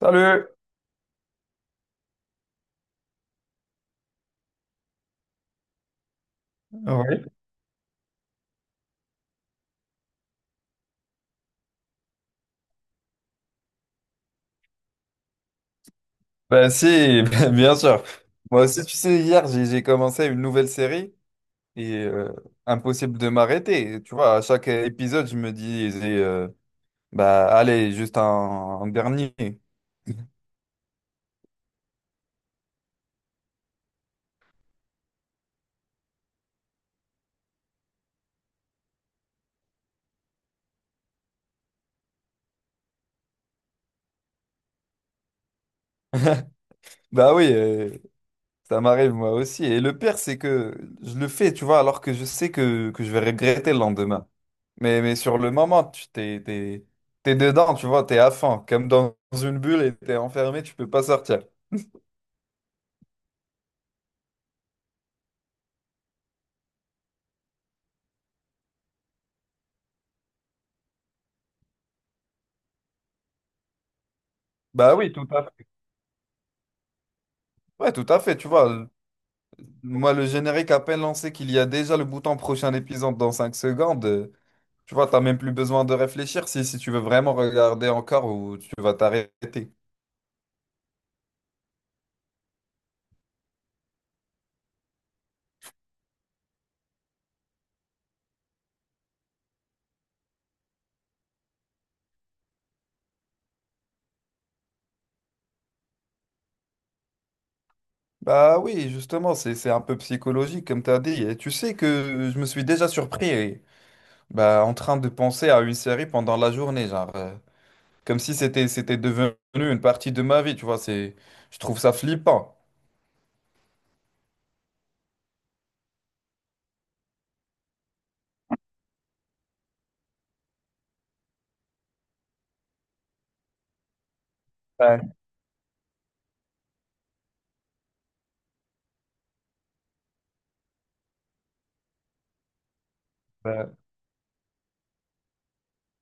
Salut! Oui. Bah si, bah, bien sûr. Moi aussi, tu sais, hier, j'ai commencé une nouvelle série et impossible de m'arrêter. Tu vois, à chaque épisode, je me dis, bah allez, juste un dernier. Bah oui, ça m'arrive moi aussi. Et le pire, c'est que je le fais, tu vois, alors que je sais que je vais regretter le lendemain. Mais sur le moment, tu t'es dedans, tu vois, t'es à fond, comme dans une bulle et t'es enfermé, tu peux pas sortir. Bah oui, tout à fait. Ouais, tout à fait, tu vois. Moi, le générique à peine lancé qu'il y a déjà le bouton prochain épisode dans 5 secondes, tu vois, t'as même plus besoin de réfléchir si, si tu veux vraiment regarder encore ou tu vas t'arrêter. Bah oui, justement, c'est un peu psychologique, comme t'as dit. Et tu sais que je me suis déjà surpris, eh, bah, en train de penser à une série pendant la journée, genre, comme si c'était devenu une partie de ma vie, tu vois, c'est, je trouve ça flippant. Ouais, ouais.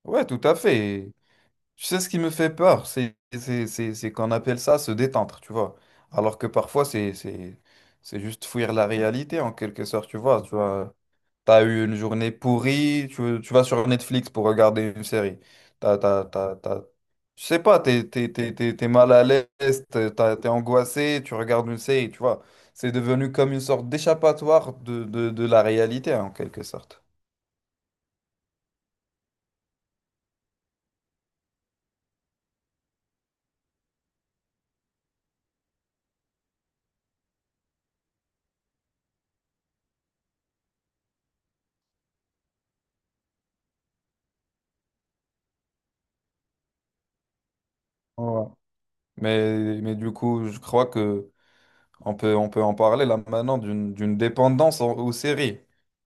Ouais, tout à fait. Tu sais, ce qui me fait peur, c'est c'est qu'on appelle ça se détendre, tu vois. Alors que parfois, c'est juste fuir la réalité, en quelque sorte, tu vois. Tu vois, t'as eu une journée pourrie, tu vas sur Netflix pour regarder une série. T'as, t'as, t'as, t'as- Je sais pas, t'es mal à l'aise, t'es angoissé, tu regardes une série, tu vois. C'est devenu comme une sorte d'échappatoire de la réalité, en quelque sorte. Ouais. Mais du coup, je crois que... on peut en parler là maintenant d'une dépendance aux séries.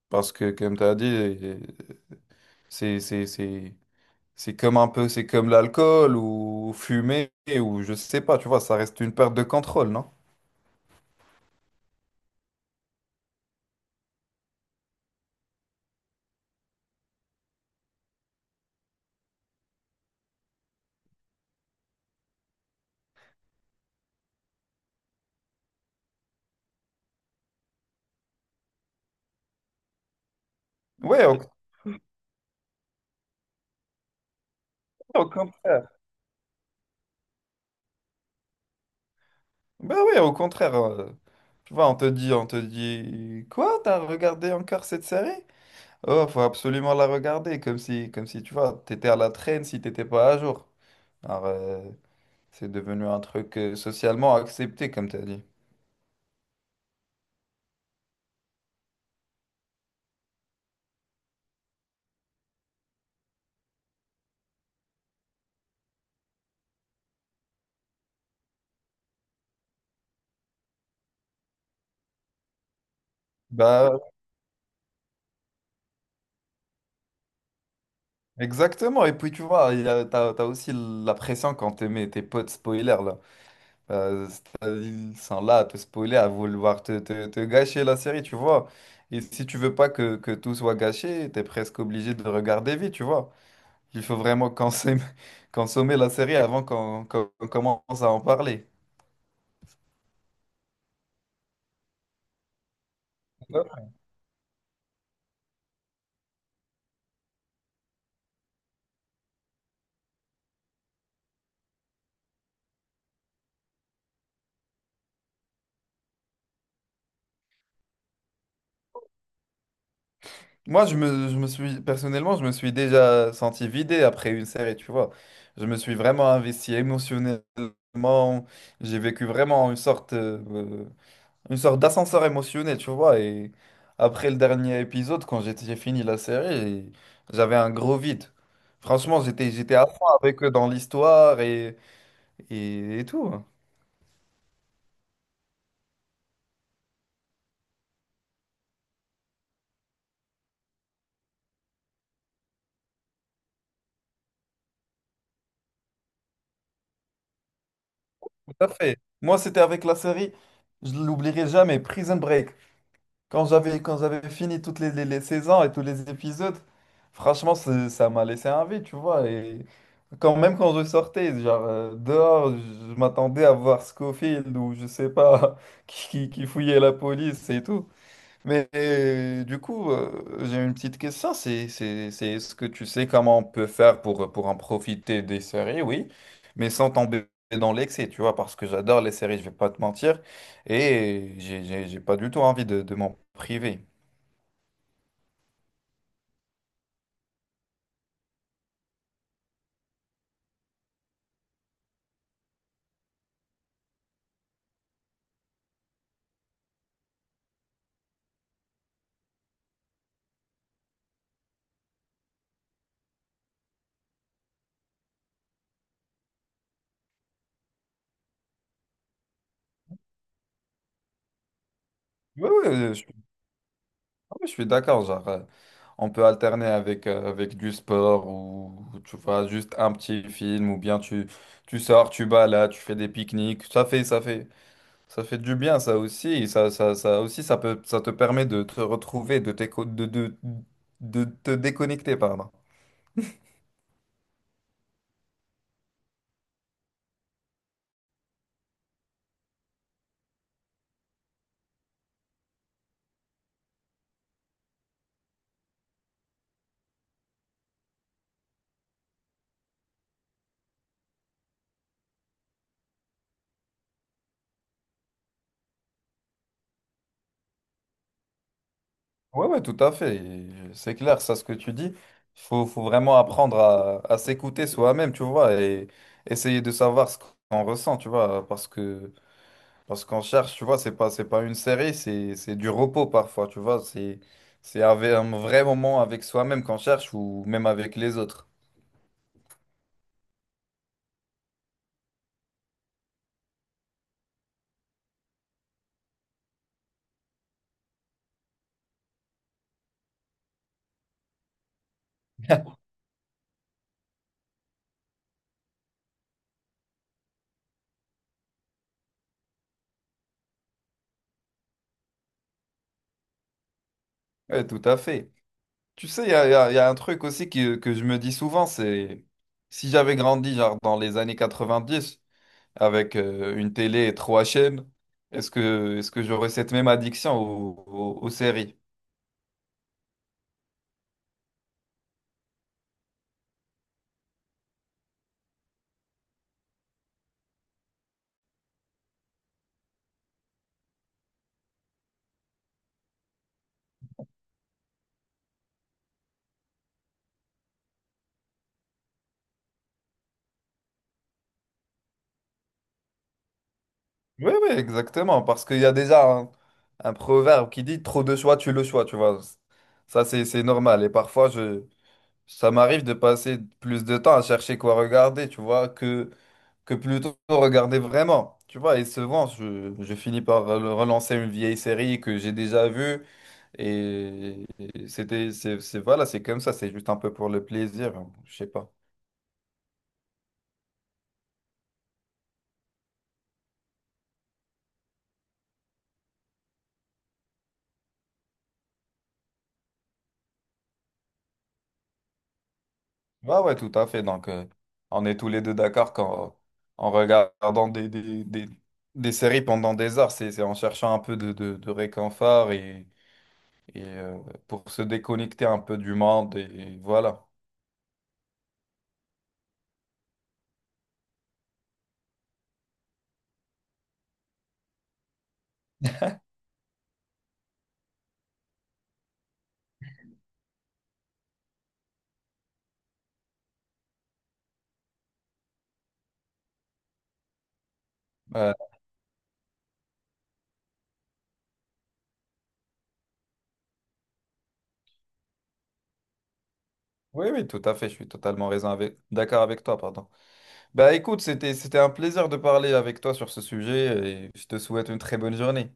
Parce que, comme tu as dit, c'est c'est comme un peu, c'est comme l'alcool ou fumer ou je sais pas, tu vois, ça reste une perte de contrôle, non? Ouais, au contraire. Ben ouais, au contraire. Tu vois, on te dit, quoi, t'as regardé encore cette série? Oh, faut absolument la regarder, comme si, tu vois, t'étais à la traîne si t'étais pas à jour. C'est devenu un truc socialement accepté, comme tu as dit. Bah, exactement. Et puis, tu vois, il y a, t'as aussi la pression quand tes potes spoilers, là. C'est-à-dire, ils sont là à te spoiler, à vouloir te gâcher la série, tu vois. Et si tu veux pas que tout soit gâché, t'es presque obligé de regarder vite, tu vois. Il faut vraiment consommer, consommer la série avant qu'on commence à en parler. Moi, je me suis, personnellement, je me suis déjà senti vidé après une série, tu vois. Je me suis vraiment investi émotionnellement. J'ai vécu vraiment une sorte d'ascenseur émotionnel, tu vois. Et après le dernier épisode, quand j'ai fini la série, j'avais un gros vide. Franchement, j'étais à fond avec eux dans l'histoire et, et tout. Hein. Tout à fait. Moi, c'était avec la série, je l'oublierai jamais, Prison Break. Quand j'avais fini toutes les saisons et tous les épisodes, franchement, ça m'a laissé un vide, tu vois. Et quand même quand je sortais, genre dehors, je m'attendais à voir Scofield ou je sais pas, qui fouillait la police et tout. Mais du coup, j'ai une petite question, c'est est-ce que tu sais comment on peut faire pour en profiter des séries, oui, mais sans tomber dans l'excès, tu vois, parce que j'adore les séries, je vais pas te mentir, et j'ai pas du tout envie de m'en priver. Oui, oui, je, suis ah ouais, je suis d'accord, genre, on peut alterner avec, avec du sport, ou tu vois, juste un petit film, ou bien tu, tu sors, tu balades, tu fais des pique-niques, ça fait. Ça fait du bien, ça aussi. Ça aussi, ça peut, ça te permet de te retrouver, de te déconnecter, pardon. Ouais, ouais, tout à fait. Et c'est clair, ça, ce que tu dis. Faut vraiment apprendre à s'écouter soi-même, tu vois, et essayer de savoir ce qu'on ressent, tu vois, parce que, parce qu'on cherche, tu vois, c'est pas une série, c'est du repos parfois, tu vois. C'est, un vrai moment avec soi-même qu'on cherche ou même avec les autres. Ouais, tout à fait. Tu sais, il y a un truc aussi que je me dis souvent, c'est si j'avais grandi genre dans les années 90 avec une télé et trois chaînes, est-ce que j'aurais cette même addiction aux séries? Oui, oui, exactement, parce qu'il y a déjà un proverbe qui dit trop de choix, tu le choix, tu vois. Ça, c'est normal. Et parfois, je, ça m'arrive de passer plus de temps à chercher quoi regarder, tu vois, que plutôt regarder vraiment. Tu vois, et souvent, je finis par relancer une vieille série que j'ai déjà vue. Et voilà, c'est comme ça, c'est juste un peu pour le plaisir. Je sais pas. Ouais, ouais, tout à fait. Donc, on est tous les deux d'accord qu'en en regardant des séries pendant des heures, c'est en cherchant un peu de réconfort et pour se déconnecter un peu du monde. Et, voilà. Euh, oui, oui, tout à fait. Je suis totalement raison avec, d'accord avec toi, pardon. Bah écoute, c'était un plaisir de parler avec toi sur ce sujet et je te souhaite une très bonne journée.